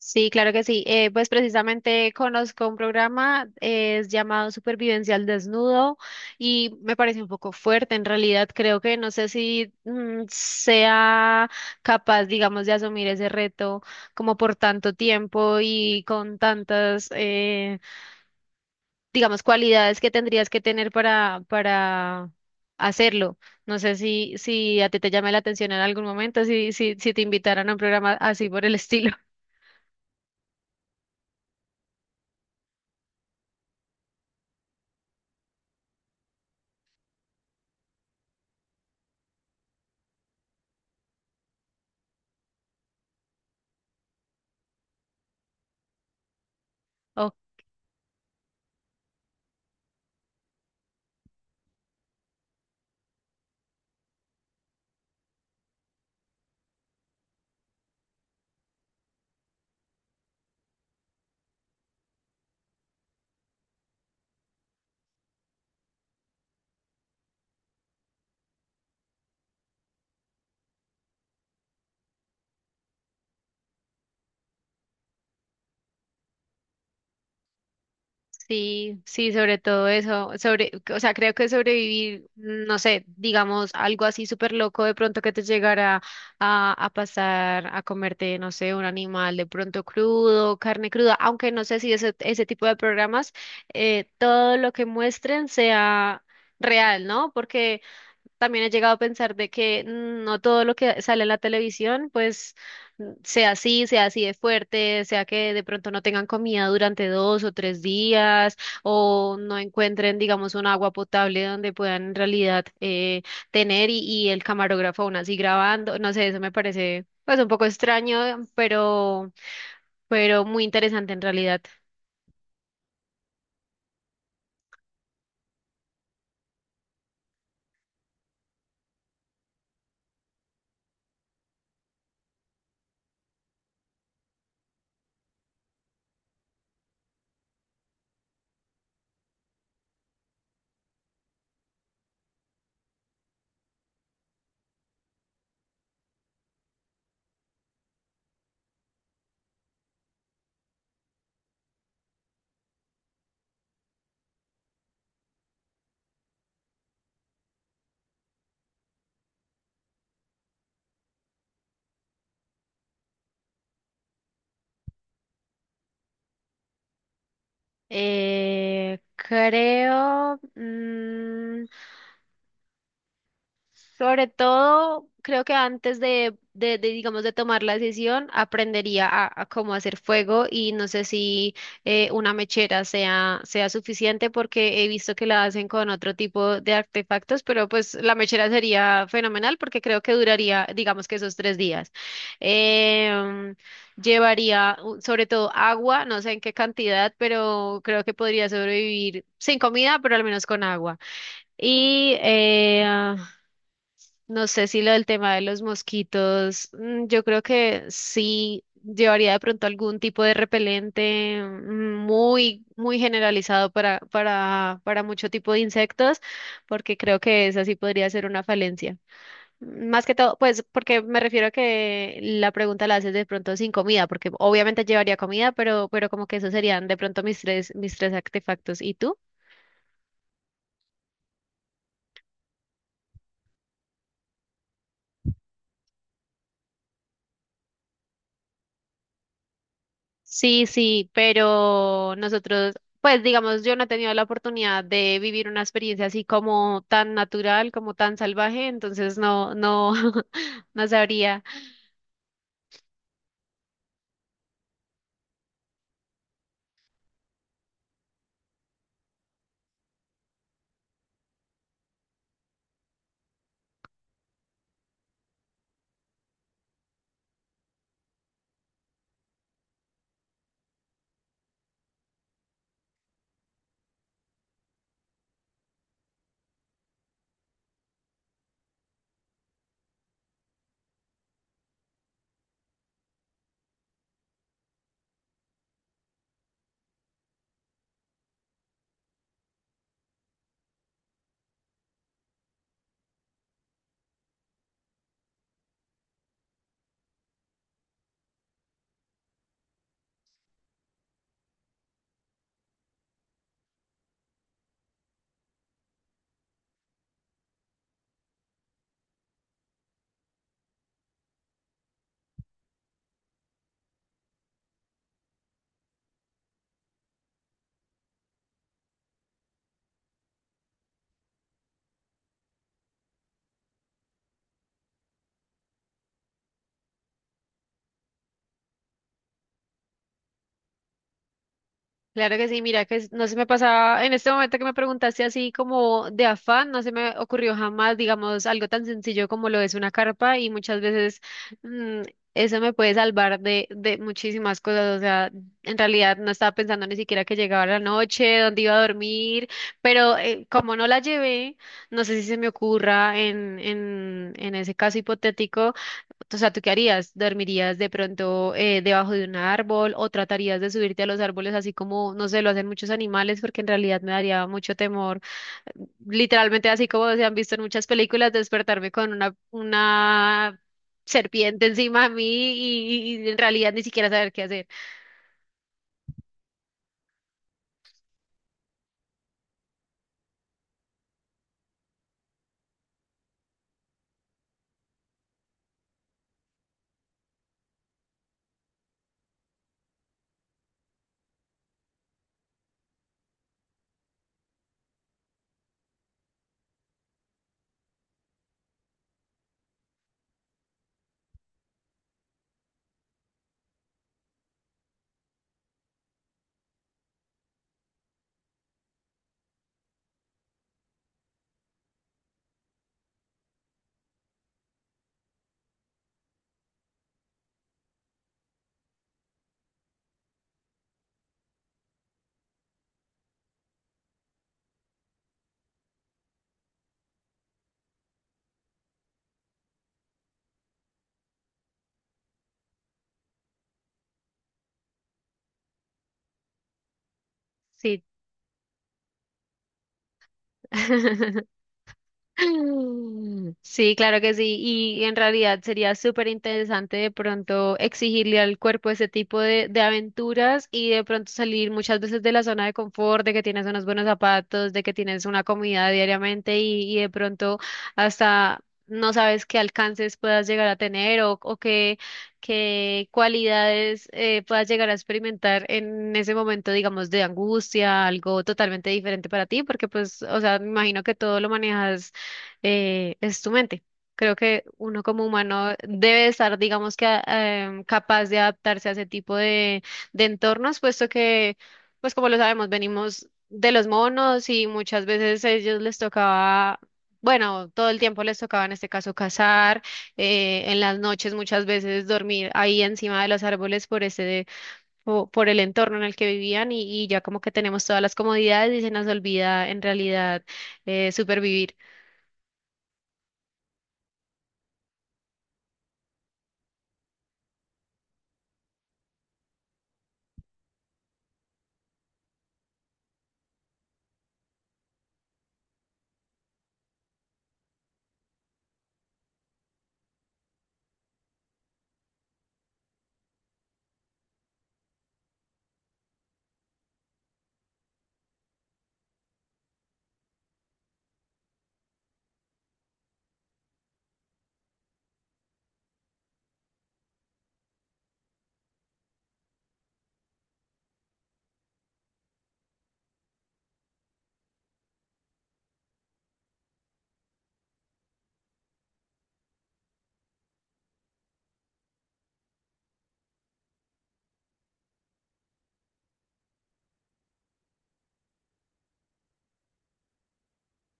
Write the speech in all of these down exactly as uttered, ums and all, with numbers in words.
Sí, claro que sí. Eh, pues precisamente conozco un programa, eh, es llamado Supervivencia al Desnudo y me parece un poco fuerte en realidad. Creo que no sé si mm, sea capaz, digamos, de asumir ese reto como por tanto tiempo y con tantas, eh, digamos, cualidades que tendrías que tener para, para hacerlo. No sé si, si a ti te llama la atención en algún momento, si, si, si te invitaran a un programa así por el estilo. Sí, sí, sobre todo eso, sobre, o sea, creo que sobrevivir, no sé, digamos, algo así súper loco de pronto que te llegara a, a pasar a comerte, no sé, un animal de pronto crudo, carne cruda, aunque no sé si ese, ese tipo de programas, eh, todo lo que muestren sea real, ¿no? Porque también he llegado a pensar de que mm, no todo lo que sale en la televisión, pues mm, sea así, sea así de fuerte, sea que de pronto no tengan comida durante dos o tres días, o no encuentren, digamos, un agua potable donde puedan en realidad eh, tener y, y el camarógrafo aún así grabando. No sé, eso me parece pues un poco extraño, pero, pero muy interesante en realidad. Eh, creo... mm, sobre todo, creo que antes de, de, de, digamos, de tomar la decisión, aprendería a, a cómo hacer fuego y no sé si eh, una mechera sea, sea suficiente porque he visto que la hacen con otro tipo de artefactos, pero pues la mechera sería fenomenal porque creo que duraría, digamos que esos tres días. Em, llevaría uh, sobre todo agua, no sé en qué cantidad, pero creo que podría sobrevivir sin comida, pero al menos con agua. Y eh, no sé si lo del tema de los mosquitos, mm, yo creo que sí llevaría de pronto algún tipo de repelente mm, muy, muy generalizado para, para, para mucho tipo de insectos, porque creo que esa sí podría ser una falencia. Más que todo, pues, porque me refiero a que la pregunta la haces de pronto sin comida, porque obviamente llevaría comida, pero, pero como que esos serían de pronto mis tres, mis tres artefactos. ¿Y tú? Sí, sí, pero nosotros, pues digamos, yo no he tenido la oportunidad de vivir una experiencia así como tan natural, como tan salvaje, entonces no, no, no sabría. Claro que sí, mira que es- no se me pasaba en este momento que me preguntaste así como de afán, no se me ocurrió jamás, digamos, algo tan sencillo como lo es una carpa y muchas veces mm, eso me puede salvar de, de muchísimas cosas, o sea, en realidad no estaba pensando ni siquiera que llegaba la noche, dónde iba a dormir, pero eh, como no la llevé, no sé si se me ocurra en, en, en ese caso hipotético, o sea, ¿tú qué harías? ¿Dormirías de pronto eh, debajo de un árbol o tratarías de subirte a los árboles así como, no sé, lo hacen muchos animales? Porque en realidad me daría mucho temor. Literalmente así como se han visto en muchas películas, despertarme con una, una serpiente encima de mí y, y en realidad ni siquiera saber qué hacer. Sí. Sí, claro que sí. Y en realidad sería súper interesante de pronto exigirle al cuerpo ese tipo de, de aventuras y de pronto salir muchas veces de la zona de confort, de que tienes unos buenos zapatos, de que tienes una comida diariamente y, y de pronto hasta no sabes qué alcances puedas llegar a tener o, o qué, qué cualidades eh, puedas llegar a experimentar en ese momento, digamos, de angustia, algo totalmente diferente para ti, porque pues, o sea, me imagino que todo lo manejas eh, es tu mente. Creo que uno como humano debe estar, digamos que, a- em, capaz de adaptarse a ese tipo de, de entornos, puesto que, pues como lo sabemos, venimos de los monos y muchas veces a ellos les tocaba, bueno, todo el tiempo les tocaba en este caso cazar, eh, en las noches muchas veces dormir ahí encima de los árboles por ese, po- por el entorno en el que vivían y, y ya como que tenemos todas las comodidades y se nos olvida en realidad eh, supervivir.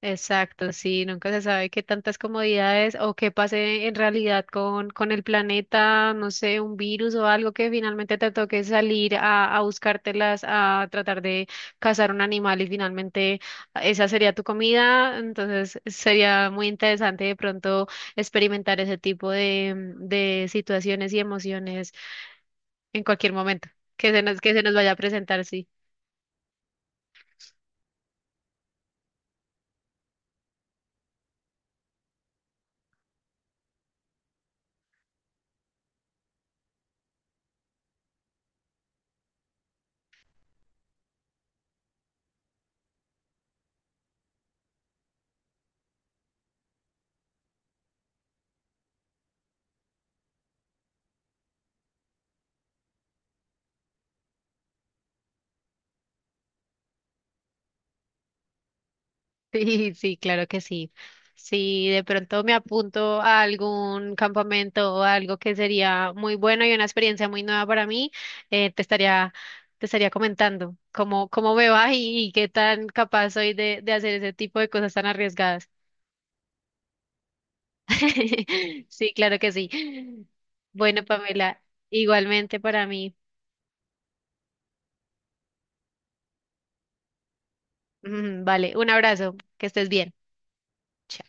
Exacto, sí, nunca se sabe qué tantas comodidades o qué pase en realidad con, con el planeta, no sé, un virus o algo que finalmente te toque salir a, a buscártelas, a tratar de cazar un animal y finalmente esa sería tu comida. Entonces sería muy interesante de pronto experimentar ese tipo de, de situaciones y emociones en cualquier momento que se nos, que se nos vaya a presentar, sí. Sí, sí, claro que sí. Si de pronto me apunto a algún campamento o algo que sería muy bueno y una experiencia muy nueva para mí, eh, te estaría, te estaría comentando cómo, cómo me va y, y qué tan capaz soy de, de hacer ese tipo de cosas tan arriesgadas. Sí, claro que sí. Bueno, Pamela, igualmente para mí. Mm, Vale, un abrazo, que estés bien. Chao.